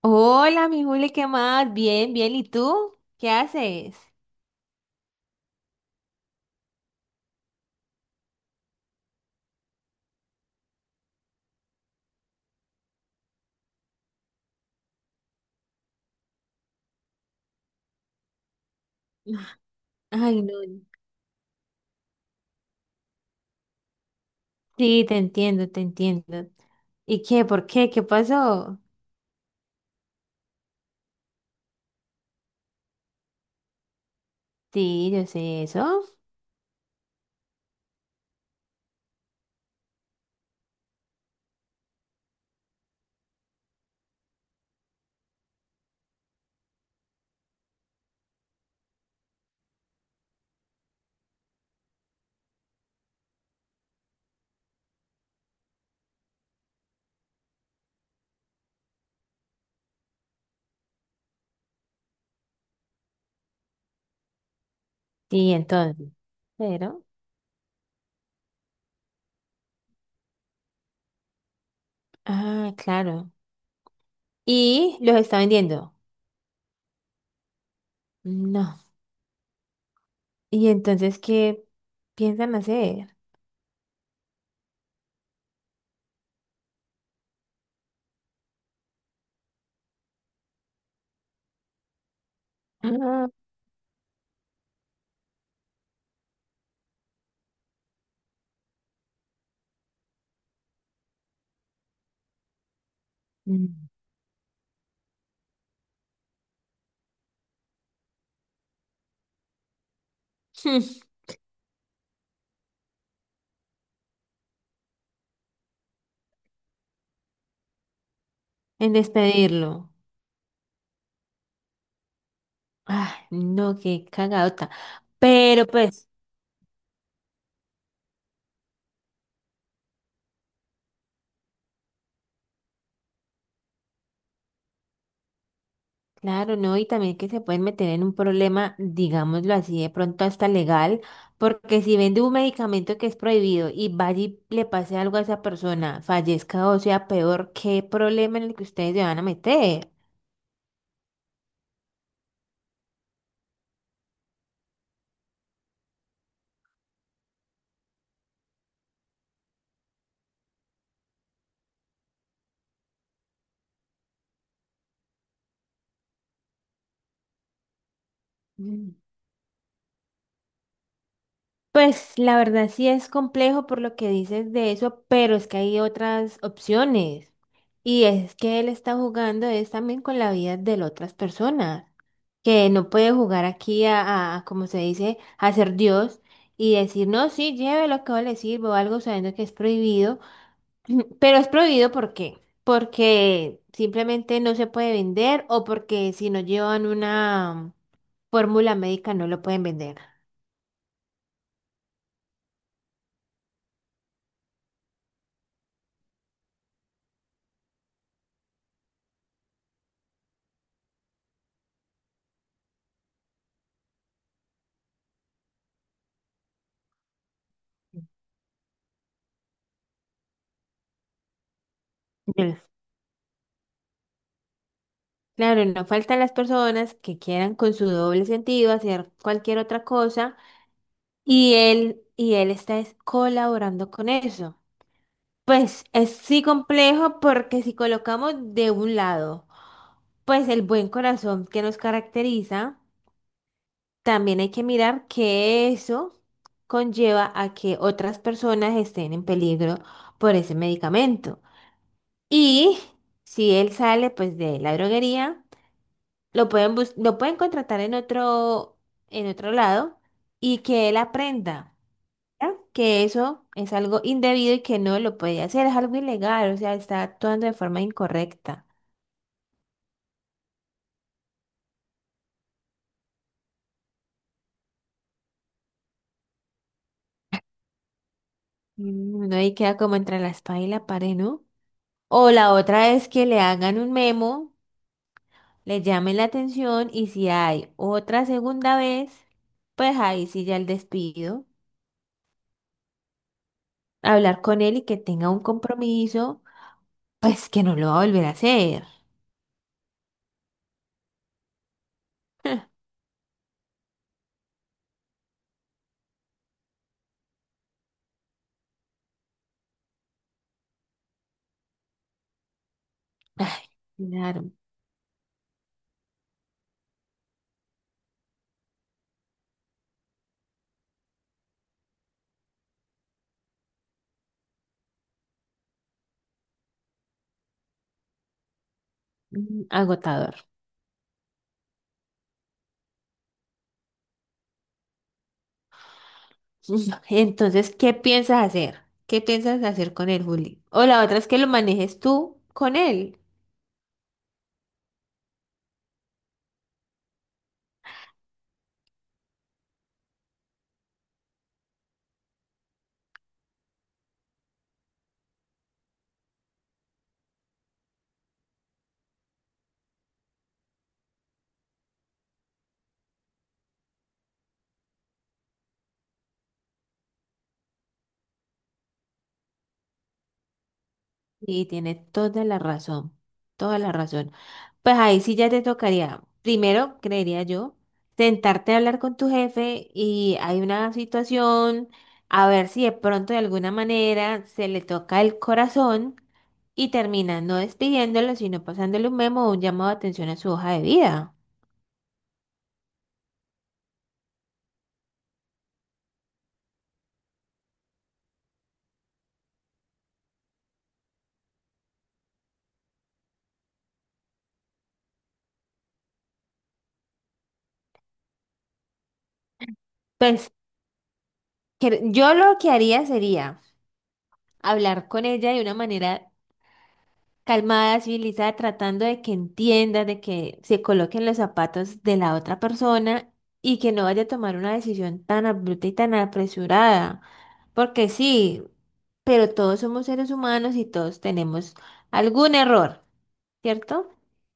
Hola, mi Juli, ¿qué más? Bien, bien. ¿Y tú? ¿Qué haces? Ay, no. Sí, te entiendo, te entiendo. ¿Y qué? ¿Por qué? ¿Qué pasó? Sí, yo sé eso. Sí, entonces. Pero. Ah, claro. ¿Y los está vendiendo? No. ¿Y entonces qué piensan hacer? Ah. Mm. Hmm, En despedirlo. Ay, no, qué cagadota. Pero pues. Claro, ¿no? Y también que se pueden meter en un problema, digámoslo así, de pronto hasta legal, porque si vende un medicamento que es prohibido y vaya y le pase algo a esa persona, fallezca o sea peor, ¿qué problema en el que ustedes se van a meter? Pues la verdad sí es complejo por lo que dices de eso, pero es que hay otras opciones. Y es que él está jugando es también con la vida de las otras personas, que no puede jugar aquí a, como se dice, a ser Dios y decir, no, sí, lleve lo que yo le sirvo o algo sabiendo que es prohibido. Pero es prohibido, ¿por qué? Porque simplemente no se puede vender o porque si no llevan una fórmula médica no lo pueden vender. Claro, no faltan las personas que quieran con su doble sentido hacer cualquier otra cosa y él está es colaborando con eso. Pues es sí complejo porque si colocamos de un lado, pues el buen corazón que nos caracteriza, también hay que mirar que eso conlleva a que otras personas estén en peligro por ese medicamento. Y si él sale pues de la droguería, lo pueden contratar en otro lado y que él aprenda, ¿ya? Que eso es algo indebido y que no lo puede hacer, es algo ilegal, o sea, está actuando de forma incorrecta. Mm, uno ahí queda como entre la espada y la pared, ¿no? O la otra es que le hagan un memo, le llamen la atención y si hay otra segunda vez, pues ahí sí ya el despido, hablar con él y que tenga un compromiso, pues que no lo va a volver a hacer. Ay, claro, mm, agotador. Mm, entonces, ¿qué piensas hacer? ¿Qué piensas hacer con él, Juli? O la otra es que lo manejes tú con él. Y tiene toda la razón, toda la razón. Pues ahí sí ya te tocaría, primero, creería yo, sentarte a hablar con tu jefe y hay una situación, a ver si de pronto de alguna manera se le toca el corazón y termina no despidiéndolo, sino pasándole un memo o un llamado de atención a su hoja de vida. Pues yo lo que haría sería hablar con ella de una manera calmada, civilizada, tratando de que entienda, de que se coloquen los zapatos de la otra persona y que no vaya a tomar una decisión tan abrupta y tan apresurada. Porque sí, pero todos somos seres humanos y todos tenemos algún error, ¿cierto?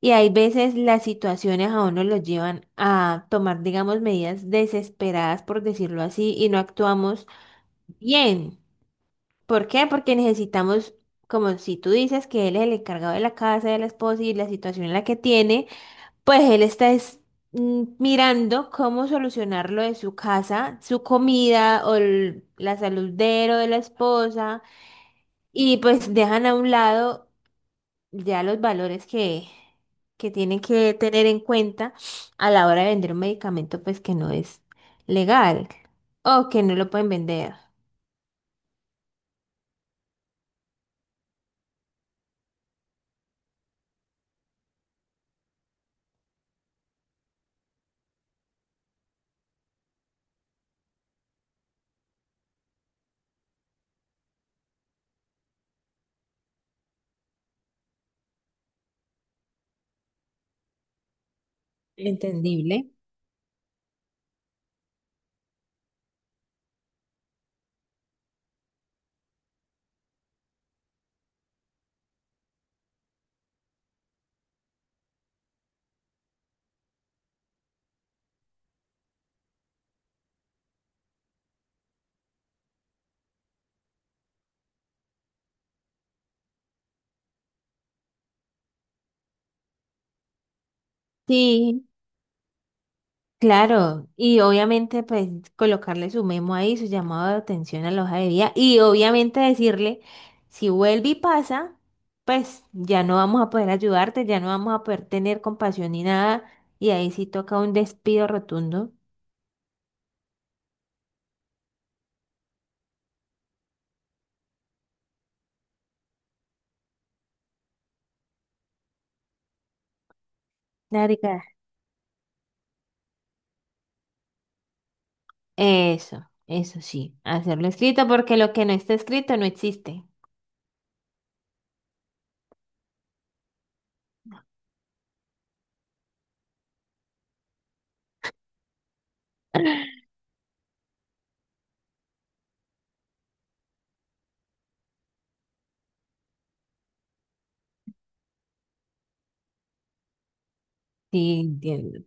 Y hay veces las situaciones a uno los llevan a tomar, digamos, medidas desesperadas, por decirlo así, y no actuamos bien. ¿Por qué? Porque necesitamos, como si tú dices que él es el encargado de la casa, de la esposa y la situación en la que tiene, pues mirando cómo solucionar lo de su casa, su comida o la salud de él o de la esposa y pues dejan a un lado ya los valores que tienen que tener en cuenta a la hora de vender un medicamento pues que no es legal o que no lo pueden vender. Entendible. Sí. Claro, y obviamente pues colocarle su memo ahí, su llamado de atención a la hoja de vida y obviamente decirle, si vuelve y pasa, pues ya no vamos a poder ayudarte, ya no vamos a poder tener compasión ni nada y ahí sí toca un despido rotundo. Marica. Eso sí, hacerlo escrito porque lo que no está escrito no existe. Sí, entiendo.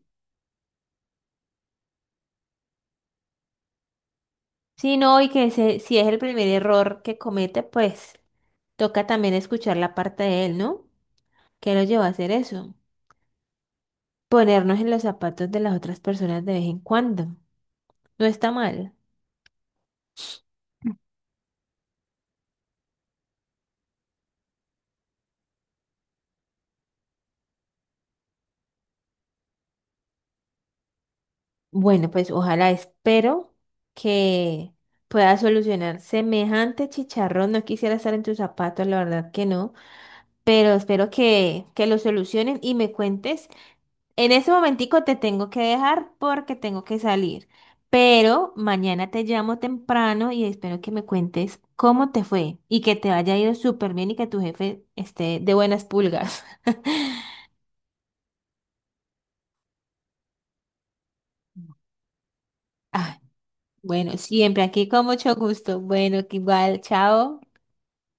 Sí, no, y que si es el primer error que comete, pues toca también escuchar la parte de él, ¿no? ¿Qué nos llevó a hacer eso? Ponernos en los zapatos de las otras personas de vez en cuando. No está mal. Bueno, pues ojalá espero que pueda solucionar semejante chicharrón. No quisiera estar en tus zapatos, la verdad que no, pero espero que lo solucionen y me cuentes. En ese momentico te tengo que dejar porque tengo que salir, pero mañana te llamo temprano y espero que me cuentes cómo te fue y que te haya ido súper bien y que tu jefe esté de buenas pulgas. Ah, bueno, siempre aquí con mucho gusto. Bueno, que igual, chao.